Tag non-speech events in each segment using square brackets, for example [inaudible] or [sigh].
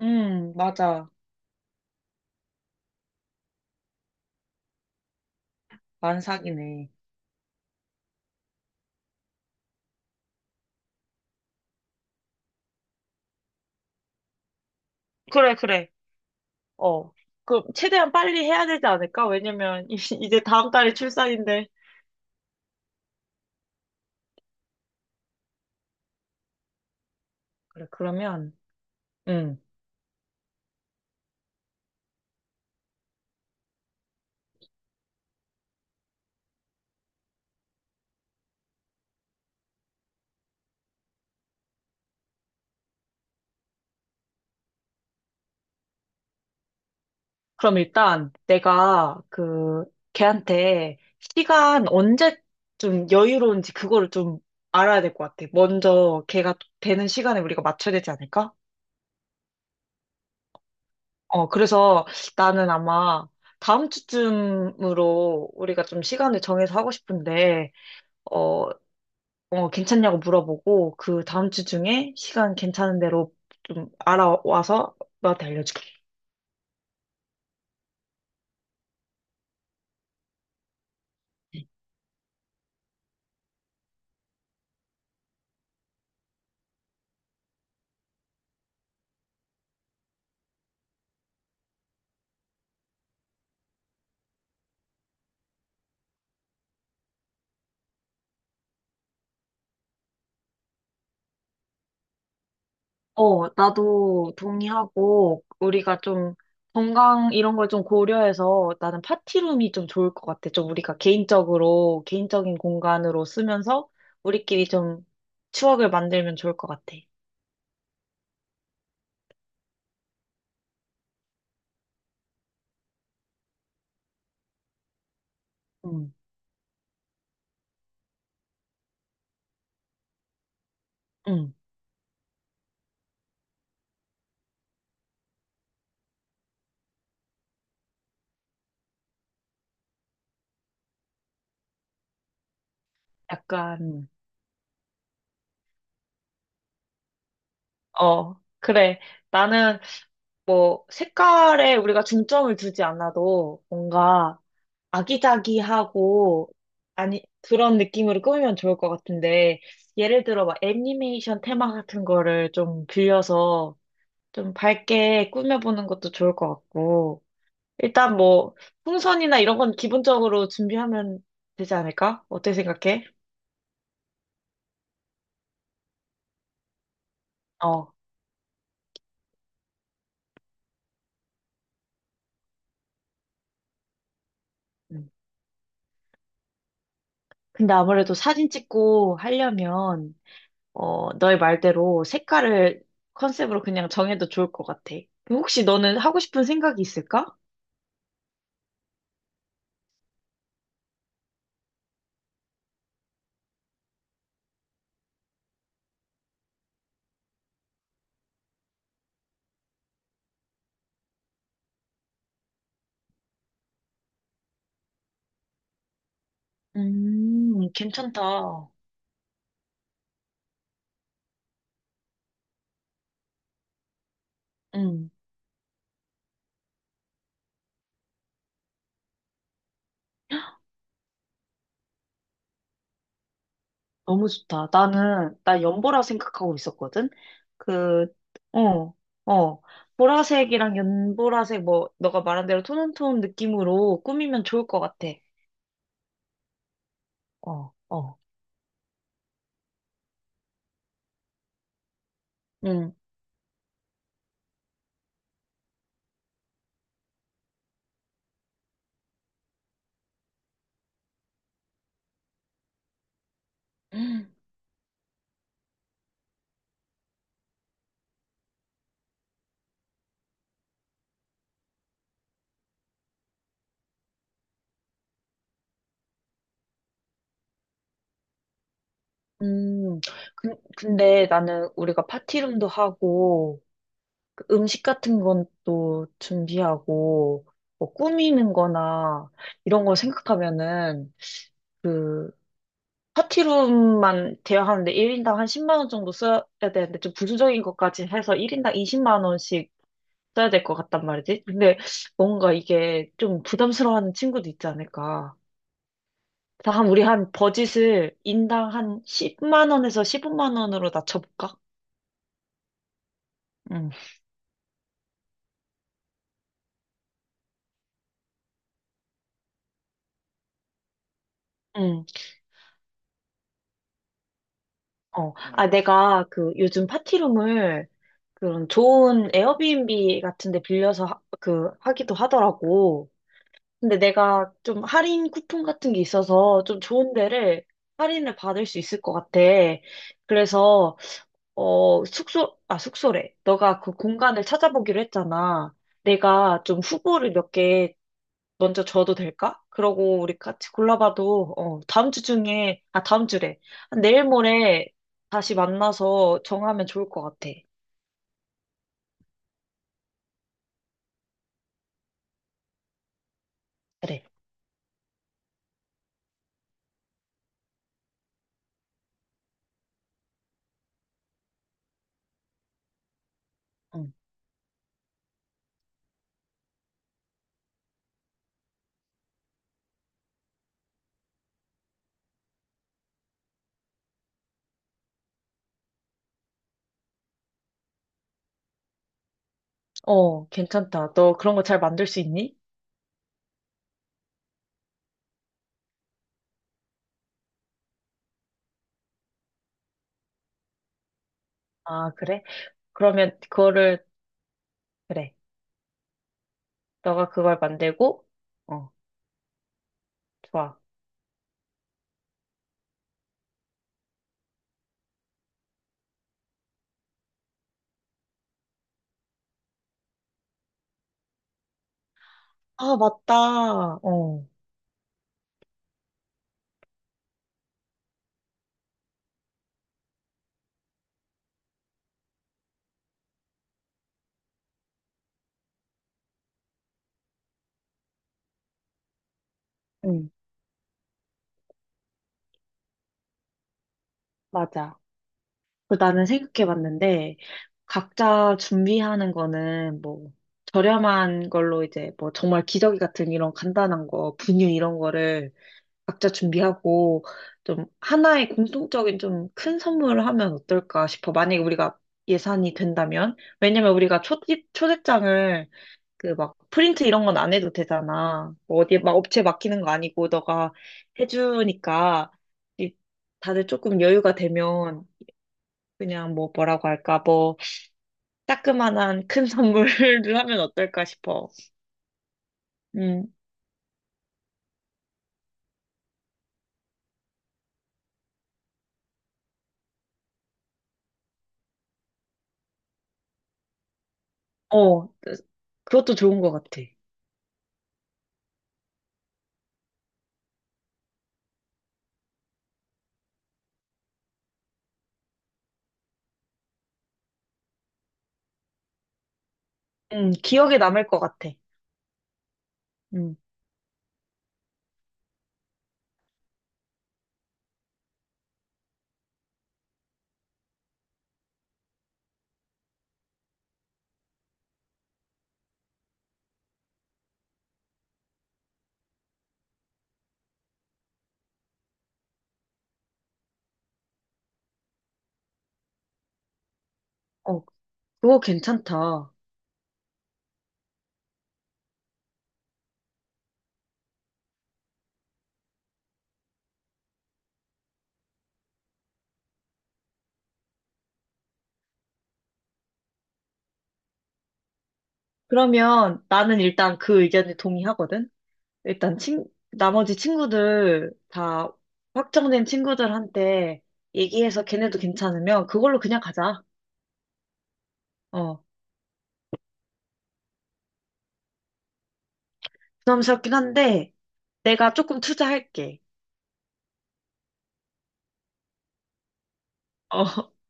맞아. 만삭이네. 그래, 그래. 어. 그, 최대한 빨리 해야 되지 않을까? 왜냐면, [laughs] 이제 다음 달에 출산인데. 그래, 그러면, 음. 그럼 일단 내가 그, 걔한테 시간 언제쯤 여유로운지 그거를 좀 알아야 될 것 같아. 먼저 걔가 되는 시간에 우리가 맞춰야 되지 않을까? 어, 그래서 나는 아마 다음 주쯤으로 우리가 좀 시간을 정해서 하고 싶은데, 어 어, 괜찮냐고 물어보고 그 다음 주 중에 시간 괜찮은 대로 좀 알아와서 너한테 알려줄게. 어, 나도 동의하고, 우리가 좀 건강 이런 걸 좀 고려해서 나는 파티룸이 좀 좋을 것 같아. 좀 우리가 개인적으로, 개인적인 공간으로 쓰면서 우리끼리 좀 추억을 만들면 좋을 것 같아. 응, 응. 약간, 어, 그래. 나는 뭐 색깔에 우리가 중점을 두지 않아도 뭔가 아기자기하고, 아니, 그런 느낌으로 꾸미면 좋을 것 같은데, 예를 들어 막 애니메이션 테마 같은 거를 좀 빌려서 좀 밝게 꾸며보는 것도 좋을 것 같고, 일단 뭐, 풍선이나 이런 건 기본적으로 준비하면 되지 않을까? 어떻게 생각해? 어. 음. 근데 아무래도 사진 찍고 하려면, 어, 너의 말대로 색깔을 컨셉으로 그냥 정해도 좋을 것 같아. 그럼 혹시 너는 하고 싶은 생각이 있을까? 괜찮다. 음, 너무 좋다. 나 연보라 생각하고 있었거든? 그, 어, 어. 보라색이랑 연보라색, 뭐, 너가 말한 대로 톤온톤 느낌으로 꾸미면 좋을 것 같아. 어, 어. 음. 음, 근데 나는 우리가 파티룸도 하고, 그 음식 같은 건 또 준비하고, 뭐 꾸미는 거나, 이런 걸 생각하면은, 그 파티룸만 대여하는데 1인당 한 10만 원 정도 써야 되는데 좀 부수적인 것까지 해서 1인당 20만 원씩 써야 될 것 같단 말이지. 근데 뭔가 이게 좀 부담스러워하는 친구도 있지 않을까. 다 한 우리 한 버짓을 인당 한 10만 원에서 15만 원으로 낮춰볼까? 응. 응, 어. 아, 내가 그 요즘 파티룸을 그런 좋은 에어비앤비 같은 데 빌려서 하, 그 하기도 하더라고. 근데 내가 좀 할인 쿠폰 같은 게 있어서 좀 좋은 데를 할인을 받을 수 있을 것 같아. 그래서, 어, 숙소, 아, 숙소래. 너가 그 공간을 찾아보기로 했잖아. 내가 좀 후보를 몇 개 먼저 줘도 될까? 그러고 우리 같이 골라봐도, 어, 다음 주 중에, 아, 다음 주래. 내일 모레 다시 만나서 정하면 좋을 것 같아. 그래. 응. 어, 괜찮다. 너 그런 거 잘 만들 수 있니? 아, 그래? 그러면 그거를, 그래. 너가 그걸 만들고, 어, 좋아. 아, 맞다. 어, 응, 맞아. 그 나는 생각해봤는데, 각자 준비하는 거는 뭐, 저렴한 걸로 이제 뭐, 정말 기저귀 같은 이런 간단한 거, 분유 이런 거를 각자 준비하고, 좀 하나의 공통적인 좀 큰 선물을 하면 어떨까 싶어. 만약에 우리가 예산이 된다면? 왜냐면 우리가 초대장을 그 막 프린트 이런 건 안 해도 되잖아. 뭐 어디에 막 업체 맡기는 거 아니고 너가 해주니까 이- 다들 조금 여유가 되면 그냥 뭐라고 할까 뭐 따끔한 큰 [laughs] 선물을 하면 어떨까 싶어. 음, 어, 그것도 좋은 것 같아. 기억에 남을 것 같아. 음, 어, 그거 괜찮다. 그러면 나는 일단 그 의견에 동의하거든. 일단 나머지 친구들 다 확정된 친구들한테 얘기해서 걔네도 괜찮으면 그걸로 그냥 가자. 어, 부담스럽긴 한데 내가 조금 투자할게. 어, [laughs]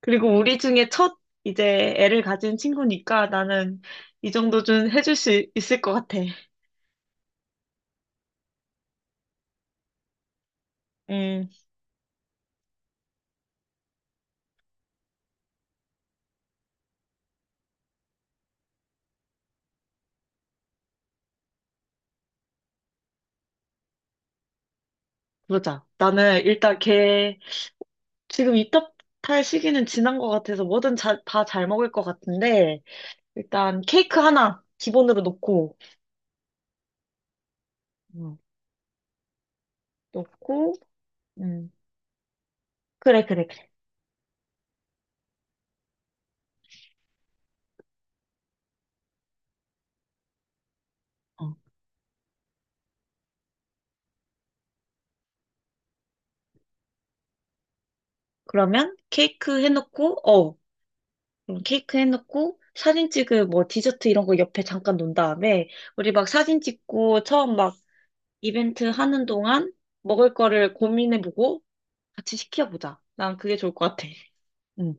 그리고 우리 중에 첫 이제 애를 가진 친구니까 나는 이 정도 좀 해줄 수 있을 것 같아. 음, 그러자. 나는 일단 걔 지금 입덧 탈 시기는 지난 것 같아서 뭐든 다 잘 먹을 것 같은데 일단 케이크 하나 기본으로 음. 놓고 음, 그래, 그래, 그래. 어. 그러면 케이크 해놓고, 어, 그럼 케이크 해놓고, 사진 찍을 뭐 디저트 이런 거 옆에 잠깐 놓은 다음에, 우리 막 사진 찍고, 처음 막 이벤트 하는 동안 먹을 거를 고민해보고 같이 시켜보자. 난 그게 좋을 것 같아. 응.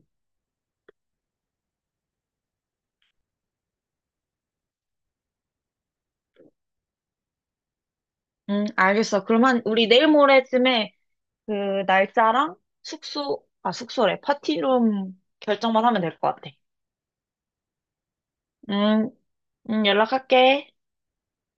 응, 알겠어. 그러면 우리 내일 모레쯤에 그 날짜랑 숙소, 아, 숙소래. 파티룸 결정만 하면 될 것 같아. 응, 응, 연락할게.